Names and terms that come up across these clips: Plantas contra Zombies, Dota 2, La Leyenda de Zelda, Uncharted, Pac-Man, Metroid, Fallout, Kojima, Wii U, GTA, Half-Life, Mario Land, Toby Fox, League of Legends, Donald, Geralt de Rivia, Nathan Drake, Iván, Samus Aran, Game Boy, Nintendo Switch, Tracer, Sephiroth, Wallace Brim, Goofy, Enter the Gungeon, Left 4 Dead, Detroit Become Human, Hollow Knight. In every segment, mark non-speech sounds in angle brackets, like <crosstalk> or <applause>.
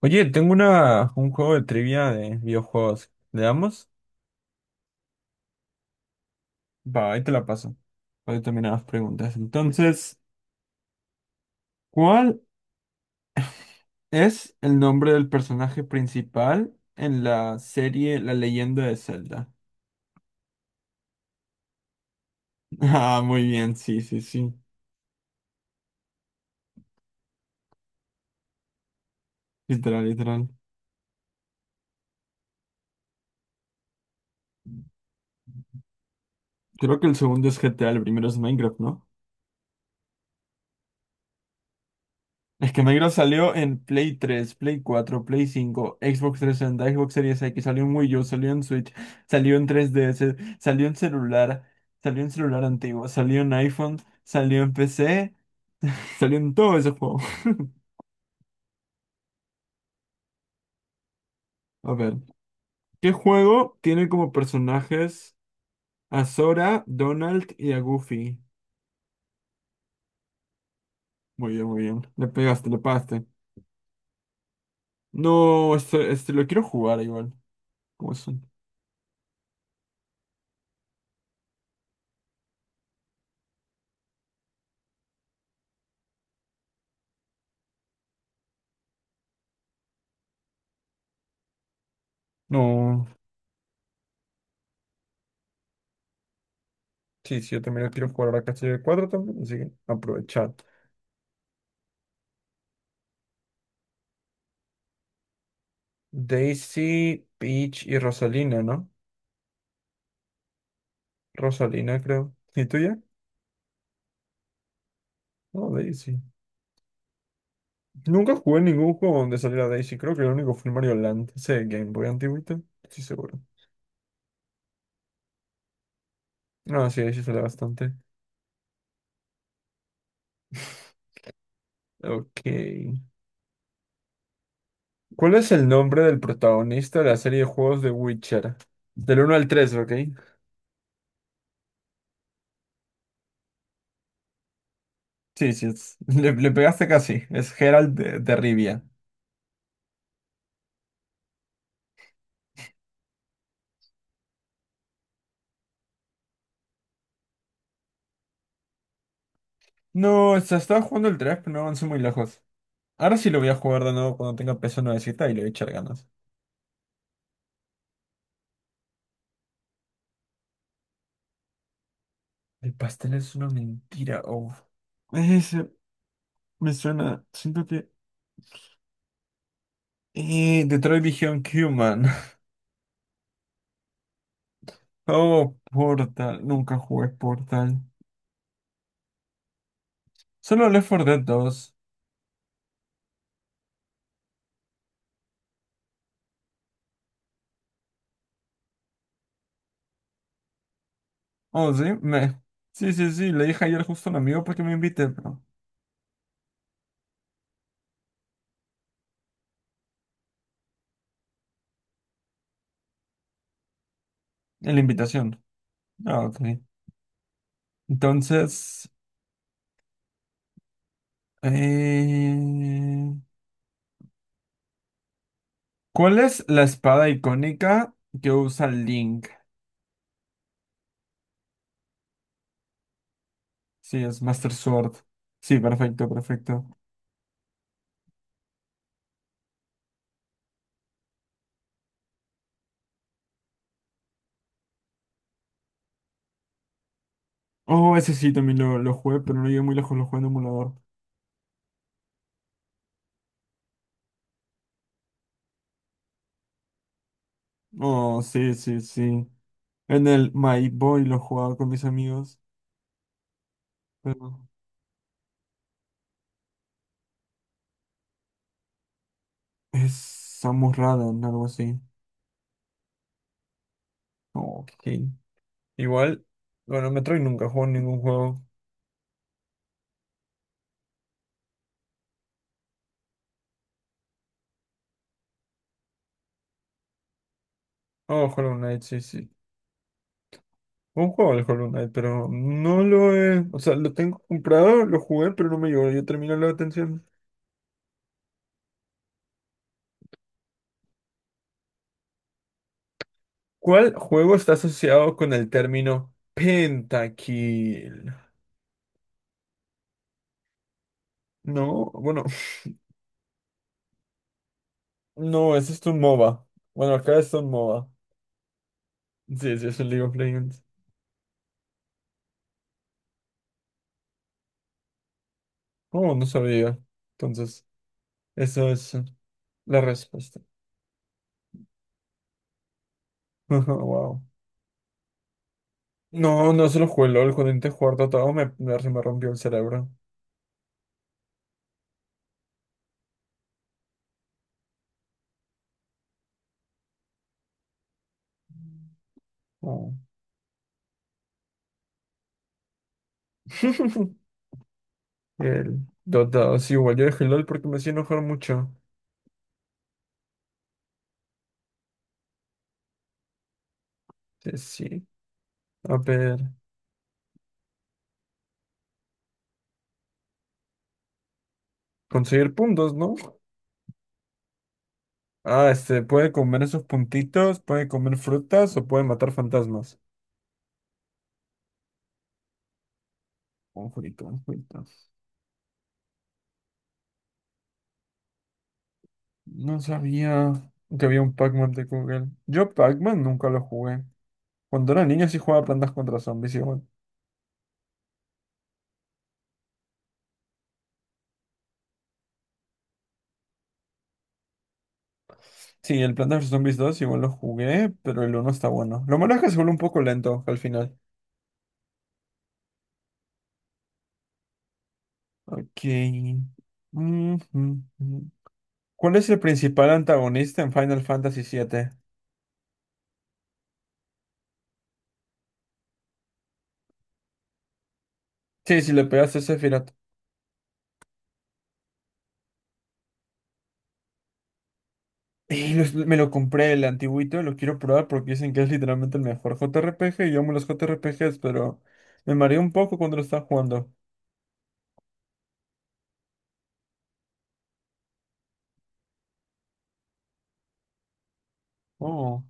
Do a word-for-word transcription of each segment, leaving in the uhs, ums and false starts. Oye, tengo una, un juego de trivia de videojuegos. ¿Le damos? Va, ahí te la paso. Voy terminar las preguntas. Entonces, ¿cuál es el nombre del personaje principal en la serie La Leyenda de Zelda? <laughs> Ah, muy bien, sí, sí, sí. Literal, literal. Creo que el segundo es G T A, el primero es Minecraft, ¿no? Es que Minecraft salió en Play tres, Play cuatro, Play cinco, Xbox trescientos sesenta, Xbox Series X, salió en Wii U, salió en Switch, salió en tres D S, salió en celular, salió en celular antiguo, salió en iPhone, salió en P C, salió en todo ese juego. <laughs> A ver, ¿qué juego tiene como personajes a Sora, Donald y a Goofy? Muy bien, muy bien. Le pegaste, le pagaste. No, este, este lo quiero jugar igual. ¿Cómo son? No. Sí, sí, yo también lo quiero jugar ahora casi de cuatro también, así que aprovechar. Daisy, Peach y Rosalina, ¿no? Rosalina, creo. ¿Y tuya? No, Daisy. Nunca jugué ningún juego donde saliera Daisy. Creo que el único fue el Mario Land. Ese de Game Boy antiguito. Sí, seguro. No, sí, Daisy sale bastante. <laughs> Ok. ¿Cuál es el nombre del protagonista de la serie de juegos de Witcher? Del uno al tres, ¿ok? Sí, sí, es- le, le pegaste casi. Es Geralt de, de Rivia. No, se estaba jugando el tres, pero no avancé muy lejos. Ahora sí lo voy a jugar de nuevo cuando tenga peso nuevecita y le voy a echar ganas. El pastel es una mentira. Oh. Ese me suena. Siento que. Eh, Detroit Become Human. <laughs> Oh, Portal. Nunca jugué Portal. Solo Left four Dead dos. Oh, sí, me. Sí, sí, sí. Le dije ayer justo a un amigo para que me invite pero. En la invitación. Ah, ok. Entonces. eh, ¿Cuál es la espada icónica que usa Link? Sí, es Master Sword. Sí, perfecto, perfecto. Oh, ese sí, también lo, lo jugué, pero no llegué muy lejos, lo jugué en emulador. Oh, sí, sí, sí. En el My Boy lo jugaba con mis amigos, pero es Samus Aran, algo así. Oh, ok. Igual, bueno, Metroid nunca jugó ningún juego. Oh, Hollow Knight, sí, sí. Un juego de Hollow Knight, pero no lo he... O sea, lo tengo comprado, lo jugué, pero no me llegó. Yo terminé la atención. ¿Cuál juego está asociado con el término pentakill? No, bueno... <laughs> No, ese es un MOBA. Bueno, acá es un MOBA. Sí, sí, es un League of Legends. Oh, no sabía. Entonces, esa es la respuesta. <laughs> Wow. No, no se lo jugué LOL. Cuando intenté jugar Dota dos me, me, se me rompió el cerebro. Oh. <laughs> El Dota dos, igual yo dejé LOL porque me hacía enojar mucho. Sí, sí. A ver, conseguir puntos, ¿no? Ah, este, puede comer esos puntitos, puede comer frutas o puede matar fantasmas. Un jueguito, un jueguito. No sabía que había un Pac-Man de Google. Yo Pac-Man nunca lo jugué. Cuando era niño sí jugaba Plantas contra Zombies igual. Sí, el Plantas contra Zombies dos igual lo jugué, pero el uno está bueno. Lo malo es que se vuelve un poco lento al final. Ok. Mm, mm, mm. ¿Cuál es el principal antagonista en Final Fantasy siete? Sí, si le pegas a Sephiroth. Y los- me lo compré el antiguito, lo quiero probar porque dicen que es literalmente el mejor J R P G. y yo amo los J R P Gs, pero me mareé un poco cuando lo estaba jugando. Oh.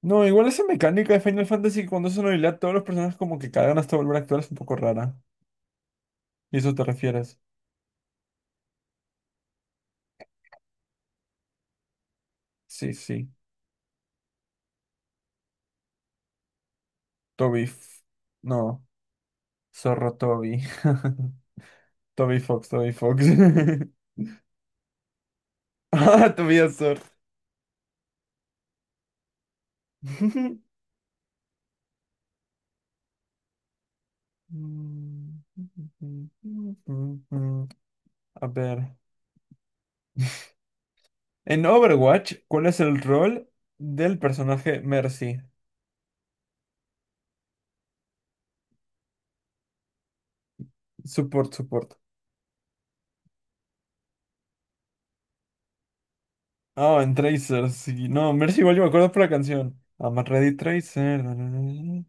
No, igual esa mecánica de Final Fantasy que cuando es una habilidad, todos los personajes como que cagan hasta volver a actuar es un poco rara. ¿Y eso te refieres? Sí, sí. Toby. F- No, Zorro Toby. <laughs> Toby Fox, Toby Fox. <laughs> Ah, Tobias Zorro. <laughs> A ver. En Overwatch, ¿cuál es el rol del personaje Mercy? Support, support. Ah, en Tracer, sí. No, Mercy igual yo me acuerdo por la canción. I'm a Ready Tracer. Na, na, na, na.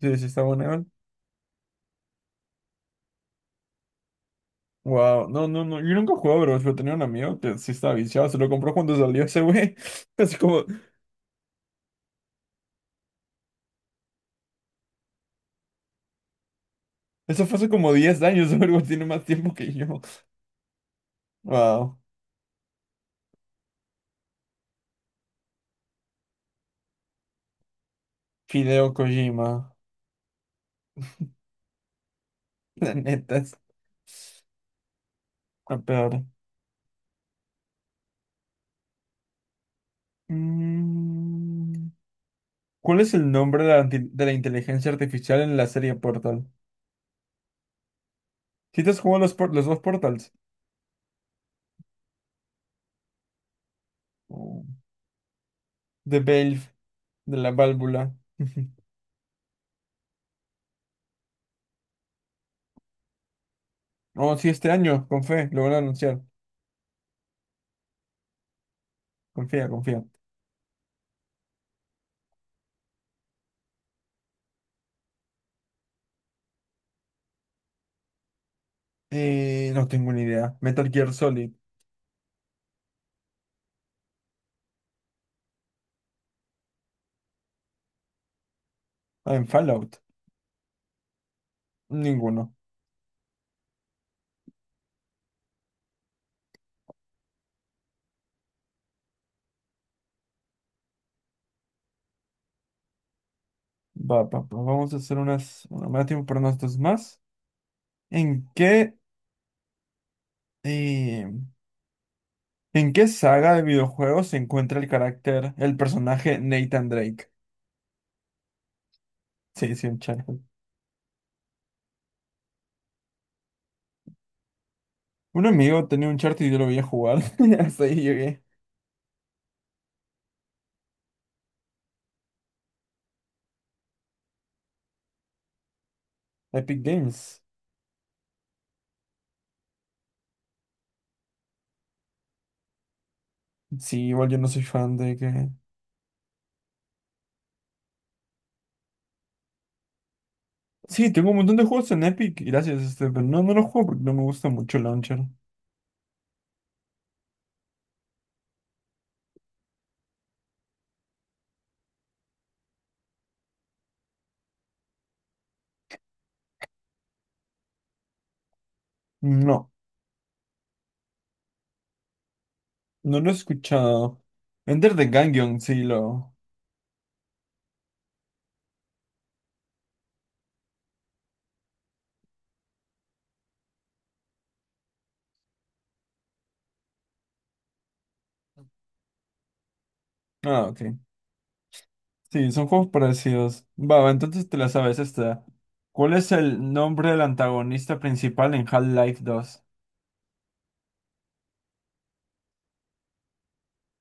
Sí, sí, está buena. Wow, no, no, no. Yo nunca jugaba Overwatch, pero tenía un amigo que sí estaba viciado. Se lo compró cuando salió ese güey. <laughs> Hace como, eso fue hace como diez años. <laughs> Overwatch tiene más tiempo que yo. Wow. Fideo Kojima. <laughs> La neta es la peor. Mm, ¿Cuál es el nombre de la, anti- de la inteligencia artificial en la serie Portal? ¿Si te has jugado los, por- los dos Portals? Oh, The Valve. De la válvula. <laughs> Oh, sí, este año, con fe, lo van a anunciar. Confía, confía. Eh, no tengo ni idea. Metal Gear Solid. Ah, en Fallout. Ninguno. Va, pa, pa, vamos a hacer unas. Bueno, me da tiempo para unas dos más. ¿En qué. eh, ¿En qué saga de videojuegos se encuentra el carácter, el personaje Nathan Drake? Sí, sí, Uncharted. Un amigo tenía un Uncharted y yo lo veía jugar. <laughs> Hasta ahí llegué. Epic Games. Sí, igual yo no soy fan de que. Sí, tengo un montón de juegos en Epic, gracias, este, pero no, no los juego porque no me gusta mucho el launcher. No, no lo he escuchado. Enter the Gungeon, sí, lo... Ah, ok. Sí, son juegos parecidos. Va, va, entonces te la sabes esta. ¿Cuál es el nombre del antagonista principal en Half-Life dos?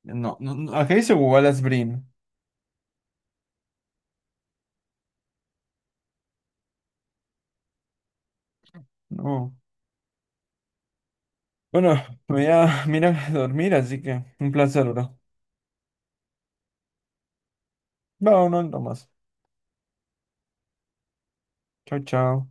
No, no, no, acá dice Wallace Brim. No. Bueno, me voy a, me iré a dormir, así que un placer, bro. Va, no, no, más. Chao, chao.